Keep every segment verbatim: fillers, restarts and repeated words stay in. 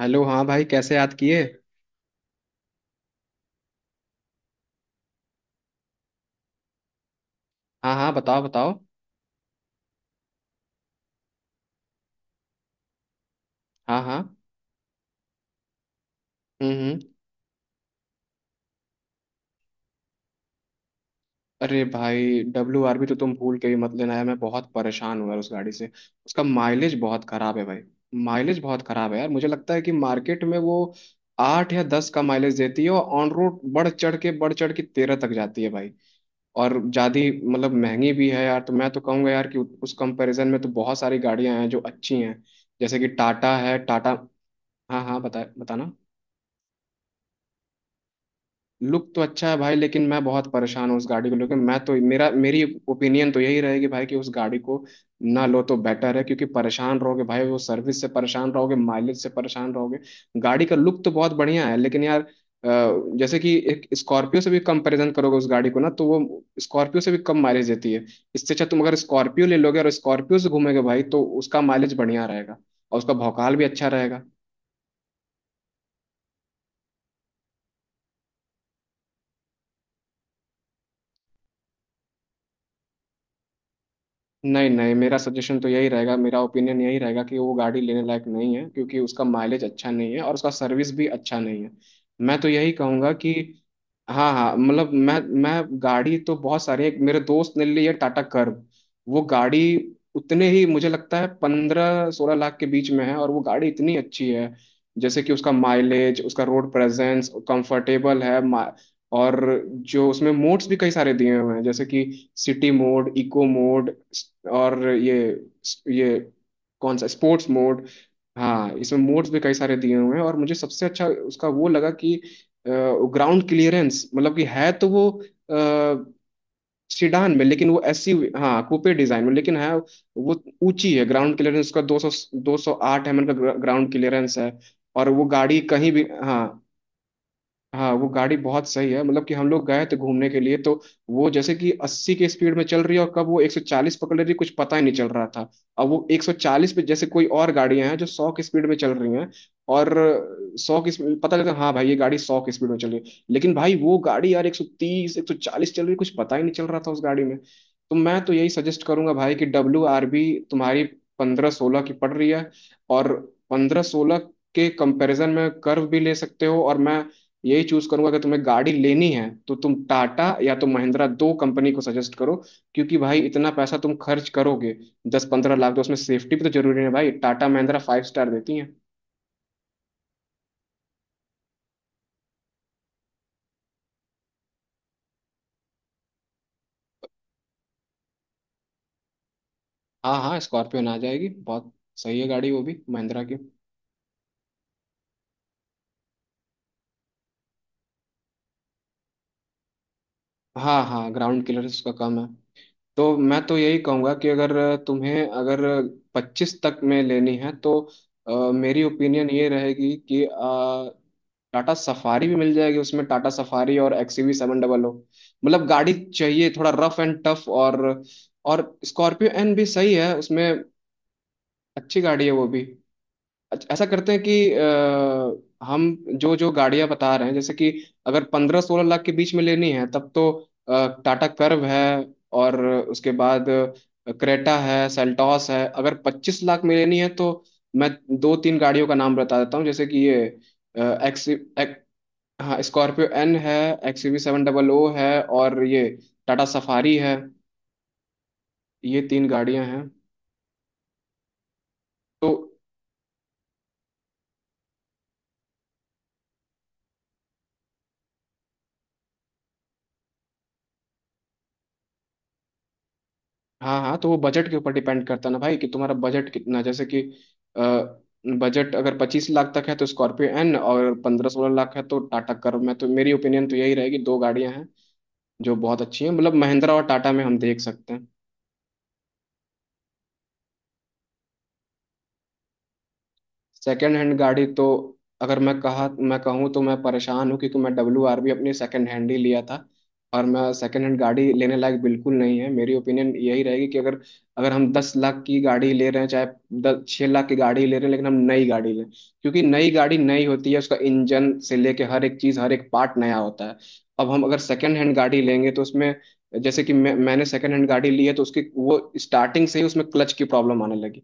Hello. हाँ भाई कैसे याद किए। हाँ हाँ बताओ बताओ। हाँ हाँ हम्म हम्म। अरे भाई डब्ल्यू आर बी तो तुम भूल के भी मत लेना यार, मैं बहुत परेशान हूँ यार उस गाड़ी से। उसका माइलेज बहुत खराब है भाई। माइलेज बहुत खराब है यार, मुझे लगता है कि मार्केट में वो आठ या दस का माइलेज देती है और ऑन रोड बढ़ चढ़ के बढ़ चढ़ के तेरह तक जाती है भाई। और ज़्यादा मतलब महंगी भी है यार, तो मैं तो कहूँगा यार कि उस कंपैरिजन में तो बहुत सारी गाड़ियां हैं जो अच्छी हैं, जैसे कि टाटा है टाटा। हाँ हाँ, बता बताना। लुक तो अच्छा है भाई, लेकिन मैं बहुत परेशान हूँ उस गाड़ी को लेकर। मैं तो मेरा मेरी ओपिनियन तो यही रहेगी भाई कि उस गाड़ी को ना लो तो बेटर है, क्योंकि परेशान रहोगे भाई, वो सर्विस से परेशान रहोगे, माइलेज से परेशान रहोगे। गाड़ी का लुक तो बहुत बढ़िया है लेकिन यार अ, जैसे कि एक स्कॉर्पियो से भी कंपैरिजन करोगे उस गाड़ी को ना, तो वो स्कॉर्पियो से भी कम माइलेज देती है। इससे अच्छा तुम अगर स्कॉर्पियो ले लोगे और स्कॉर्पियो से घूमोगे भाई, तो उसका माइलेज बढ़िया रहेगा और उसका भौकाल भी अच्छा रहेगा। नहीं नहीं, मेरा सजेशन तो यही रहेगा, मेरा ओपिनियन यही रहेगा कि वो गाड़ी लेने लायक नहीं है, क्योंकि उसका माइलेज अच्छा नहीं है और उसका सर्विस भी अच्छा नहीं है। मैं तो यही कहूंगा कि हाँ हाँ, मतलब मैं मैं गाड़ी तो बहुत सारे, एक मेरे दोस्त ने ली है टाटा कर्व। वो गाड़ी उतने ही मुझे लगता है पंद्रह सोलह लाख के बीच में है, और वो गाड़ी इतनी अच्छी है, जैसे कि उसका माइलेज, उसका रोड प्रेजेंस कंफर्टेबल है। और जो उसमें मोड्स भी कई सारे दिए हुए हैं, जैसे कि सिटी मोड, इको मोड, और ये ये कौन सा स्पोर्ट्स मोड। हाँ इसमें मोड्स भी कई सारे दिए हुए हैं, और मुझे सबसे अच्छा उसका वो लगा कि ग्राउंड क्लियरेंस, मतलब कि है तो वो सीडान में, लेकिन वो एससी, हाँ कूपे डिजाइन में लेकिन है वो। ऊंची है, ग्राउंड क्लियरेंस उसका दो सौ, दो सौ आठ एमएम का ग्राउंड क्लियरेंस है। और वो गाड़ी कहीं भी, हाँ। हाँ वो गाड़ी बहुत सही है, मतलब कि हम लोग गए थे घूमने के लिए, तो वो जैसे कि अस्सी के स्पीड में चल रही है और कब वो एक सौ चालीस पकड़ ले रही है, कुछ पता ही नहीं चल रहा था। अब वो एक सौ चालीस पे, जैसे कोई और गाड़ियां हैं जो सौ की स्पीड में चल रही हैं, और सौ की स्पीड पता लगता है, हाँ भाई ये गाड़ी सौ की स्पीड में चल रही है, लेकिन भाई वो गाड़ी यार एक सौ तीस एक सौ चालीस चल रही है, कुछ पता ही नहीं चल रहा था उस गाड़ी में। तो मैं तो यही सजेस्ट करूंगा भाई कि डब्ल्यू आर बी तुम्हारी पंद्रह सोलह की पड़ रही है, और पंद्रह सोलह के कंपैरिजन में कर्व भी ले सकते हो, और मैं यही चूज करूंगा कि तुम्हें गाड़ी लेनी है तो तुम टाटा या तो महिंद्रा, दो कंपनी को सजेस्ट करो, क्योंकि भाई इतना पैसा तुम खर्च करोगे, दस पंद्रह लाख, तो उसमें सेफ्टी भी तो जरूरी है भाई, टाटा महिंद्रा फाइव स्टार देती है। हाँ हाँ स्कॉर्पियो आ जाएगी, बहुत सही है गाड़ी, वो भी महिंद्रा की। हाँ हाँ, ग्राउंड क्लियरेंस उसका कम है, तो मैं तो यही कहूंगा कि अगर तुम्हें अगर पच्चीस तक में लेनी है तो अ, मेरी ओपिनियन ये रहेगी कि अ, टाटा सफारी भी मिल जाएगी उसमें, टाटा सफारी और एक्सयूवी सेवन डबल ओ। मतलब गाड़ी चाहिए थोड़ा रफ एंड टफ, और और स्कॉर्पियो एन भी सही है उसमें। अच्छी गाड़ी है वो भी। अच्छा, ऐसा करते हैं कि अ, हम जो जो गाड़ियां बता रहे हैं, जैसे कि अगर पंद्रह सोलह लाख के बीच में लेनी है तब तो अ, टाटा कर्व है, और उसके बाद क्रेटा है, सेल्टॉस है। अगर पच्चीस लाख में लेनी है तो मैं दो तीन गाड़ियों का नाम बता देता हूँ, जैसे कि ये अ, एक्स एक, हाँ स्कॉर्पियो एन है, X V seven double O है, और ये टाटा सफारी है, ये तीन गाड़ियां हैं। तो हाँ हाँ, तो वो बजट के ऊपर डिपेंड करता है ना भाई, कि तुम्हारा बजट कितना, जैसे कि बजट अगर पच्चीस लाख तक है तो स्कॉर्पियो एन, और पंद्रह सोलह लाख है तो टाटा कर्व, में तो मेरी ओपिनियन तो यही रहेगी, दो गाड़ियां हैं जो बहुत अच्छी हैं, मतलब महिंद्रा और टाटा में हम देख सकते हैं। सेकेंड हैंड गाड़ी तो, अगर मैं कहा मैं कहूँ तो मैं परेशान हूँ क्योंकि मैं डब्ल्यू आर बी अपनी सेकेंड हैंड ही लिया था, और मैं, सेकेंड हैंड गाड़ी लेने लायक बिल्कुल नहीं है, मेरी ओपिनियन यही रहेगी कि अगर अगर हम दस लाख की गाड़ी ले रहे हैं, चाहे दस छः लाख की गाड़ी ले रहे हैं, लेकिन हम नई गाड़ी लें, क्योंकि नई गाड़ी नई होती है, उसका इंजन से लेके हर एक चीज़, हर एक पार्ट नया होता है। अब हम अगर सेकेंड हैंड गाड़ी लेंगे तो उसमें, जैसे कि मैं मैंने सेकेंड हैंड गाड़ी ली है तो उसकी वो स्टार्टिंग से ही उसमें क्लच की प्रॉब्लम आने लगी।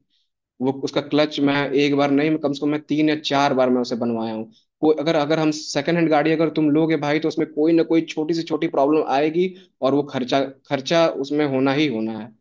वो उसका क्लच मैं एक बार नहीं, कम से कम मैं तीन या चार बार मैं उसे बनवाया हूँ। कोई अगर अगर हम सेकंड हैंड गाड़ी, अगर तुम लोगे भाई तो उसमें कोई ना कोई छोटी से छोटी प्रॉब्लम आएगी, और वो खर्चा, खर्चा उसमें होना ही होना है।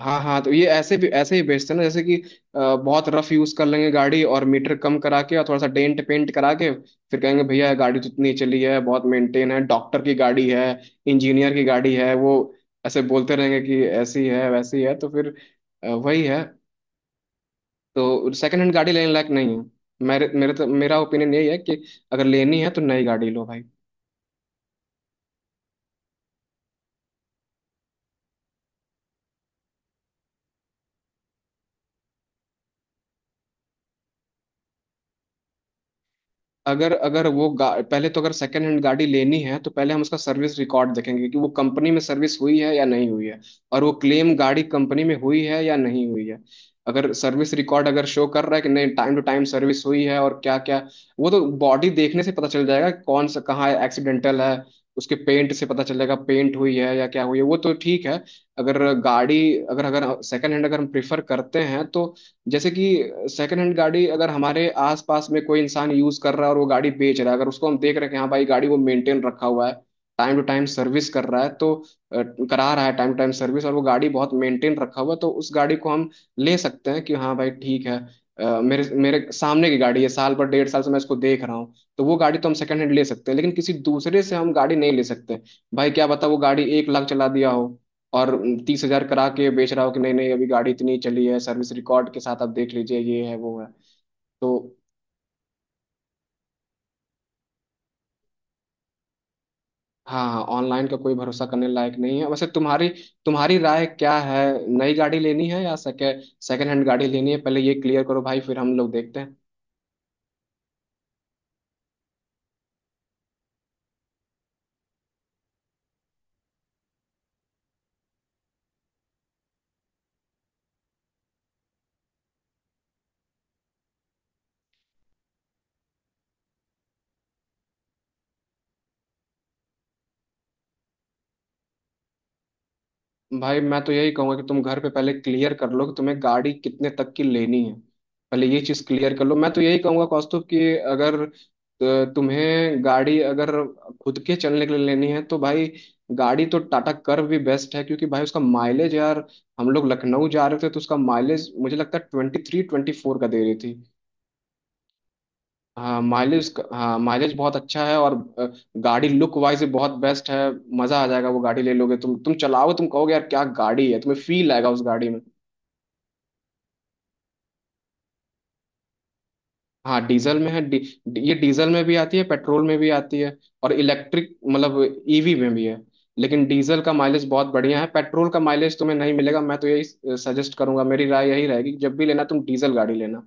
हाँ हाँ, तो ये ऐसे भी ऐसे ही बेचते हैं ना, जैसे कि अ, बहुत रफ यूज कर लेंगे गाड़ी और मीटर कम करा के, और थोड़ा सा डेंट पेंट करा के, फिर कहेंगे भैया ये गाड़ी तो इतनी चली है, बहुत मेंटेन है, डॉक्टर की गाड़ी है, इंजीनियर की गाड़ी है वो। ऐसे बोलते रहेंगे कि ऐसी है वैसी है, तो फिर अ, वही है। तो सेकंड हैंड गाड़ी लेने लायक नहीं है, मेरे मेरे तो मेरा ओपिनियन यही है कि अगर लेनी है तो नई गाड़ी लो भाई। अगर अगर वो गा- पहले तो, अगर सेकंड हैंड गाड़ी लेनी है तो पहले हम उसका सर्विस रिकॉर्ड देखेंगे कि वो कंपनी में सर्विस हुई है या नहीं हुई है, और वो क्लेम गाड़ी कंपनी में हुई है या नहीं हुई है। अगर सर्विस रिकॉर्ड अगर शो कर रहा है कि नहीं, टाइम टू टाइम सर्विस हुई है और क्या क्या, वो तो बॉडी देखने से पता चल जाएगा कि कौन सा कहाँ एक्सीडेंटल है, उसके पेंट से पता चल जाएगा पेंट हुई है या क्या हुई है, वो तो ठीक है। अगर गाड़ी, अगर अगर सेकंड हैंड अगर हम प्रेफर करते हैं तो जैसे कि सेकंड हैंड गाड़ी, अगर हमारे आसपास में कोई इंसान यूज कर रहा है और वो गाड़ी बेच रहा है, अगर उसको हम देख रहे हैं कि हाँ भाई गाड़ी को मेंटेन रखा हुआ है, टाइम टू टाइम सर्विस कर रहा है, तो अ, करा रहा है टाइम टू टाइम सर्विस, और वो गाड़ी बहुत मेंटेन रखा हुआ है, तो उस गाड़ी को हम ले सकते हैं कि हाँ भाई ठीक है। अ, मेरे मेरे सामने की गाड़ी है, साल भर डेढ़ साल से मैं इसको देख रहा हूँ, तो वो गाड़ी तो हम सेकंड हैंड ले सकते हैं, लेकिन किसी दूसरे से हम गाड़ी नहीं ले सकते। भाई क्या पता वो गाड़ी एक लाख चला दिया हो, और तीस हजार करा के बेच रहा हो कि नहीं नहीं, अभी गाड़ी इतनी चली है, सर्विस रिकॉर्ड के साथ आप देख लीजिए, ये है वो है। तो हाँ हाँ, ऑनलाइन का कोई भरोसा करने लायक नहीं है, वैसे तुम्हारी तुम्हारी राय क्या है, नई गाड़ी लेनी है या सेकेंड, सेकेंड हैंड गाड़ी लेनी है, पहले ये क्लियर करो भाई, फिर हम लोग देखते हैं। भाई मैं तो यही कहूंगा कि तुम घर पे पहले क्लियर कर लो कि तुम्हें गाड़ी कितने तक की लेनी है, पहले ये चीज क्लियर कर लो। मैं तो यही कहूंगा कौस्तुभ कि अगर अ, तुम्हें गाड़ी अगर खुद के चलने के लिए लेनी है, तो भाई गाड़ी तो टाटा कर्व भी बेस्ट है, क्योंकि भाई उसका माइलेज यार, हम लोग लखनऊ जा रहे थे तो उसका माइलेज मुझे लगता है ट्वेंटी थ्री ट्वेंटी फोर का दे रही थी। हाँ माइलेज, हाँ माइलेज बहुत अच्छा है, और अ, गाड़ी लुक वाइज भी बहुत बेस्ट है, मजा आ जाएगा वो गाड़ी ले लोगे, तुम तुम चलाओगे तुम कहोगे यार क्या गाड़ी है, तुम्हें फील आएगा उस गाड़ी में। हाँ डीजल में है, डी, डी- ये डीजल में भी आती है, पेट्रोल में भी आती है, और इलेक्ट्रिक मतलब ईवी में भी है, लेकिन डीजल का माइलेज बहुत बढ़िया है, पेट्रोल का माइलेज तुम्हें नहीं मिलेगा, मैं तो यही सजेस्ट करूंगा, मेरी राय यही रहेगी कि जब भी लेना तुम डीजल गाड़ी लेना।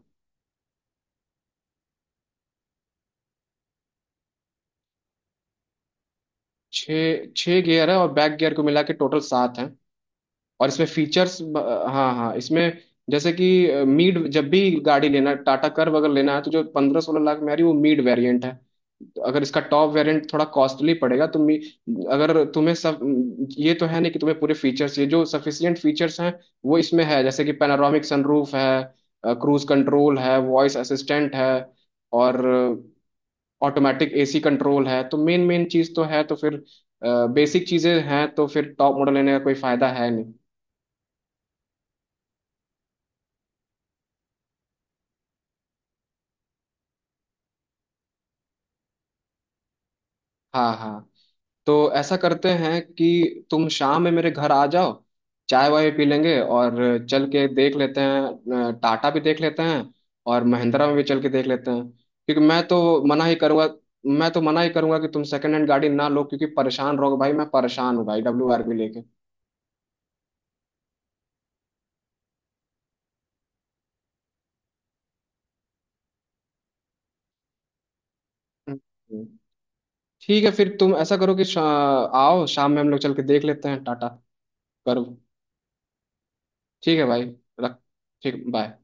छः छः गियर है, और बैक गियर को मिला के टोटल सात है, और इसमें फीचर्स, हाँ हाँ इसमें जैसे कि मीड, जब भी गाड़ी लेना, टाटा कर्व अगर लेना है, तो जो पंद्रह सोलह लाख में आ रही है वो मीड वेरिएंट है। तो अगर इसका टॉप वेरिएंट थोड़ा कॉस्टली पड़ेगा तो मी, अगर तुम्हें सब, ये तो है नहीं कि तुम्हें पूरे फीचर्स, ये जो सफिशियंट फीचर्स हैं वो इसमें है, जैसे कि पैनारोमिक सनरूफ है, क्रूज कंट्रोल है, वॉइस असिस्टेंट है, और ऑटोमेटिक एसी कंट्रोल है, तो मेन मेन चीज़ तो है, तो फिर बेसिक चीज़ें हैं, तो फिर टॉप मॉडल लेने का कोई फायदा है नहीं। हाँ हाँ, तो ऐसा करते हैं कि तुम शाम में मेरे घर आ जाओ, चाय वाय पी लेंगे और चल के देख लेते हैं, अ, टाटा भी देख लेते हैं, और महिंद्रा में भी चल के देख लेते हैं, क्योंकि मैं तो मना ही करूँगा, मैं तो मना ही करूँगा कि तुम सेकंड हैंड गाड़ी ना लो, क्योंकि परेशान रहोगे भाई, मैं परेशान हूँ भाई डब्ल्यू आर भी लेके। हम्म। हम्म। ठीक है फिर तुम ऐसा करो कि शा, आओ शाम में हम लोग चल के देख लेते हैं टाटा, करो। ठीक है भाई। रख, ठीक, बाय।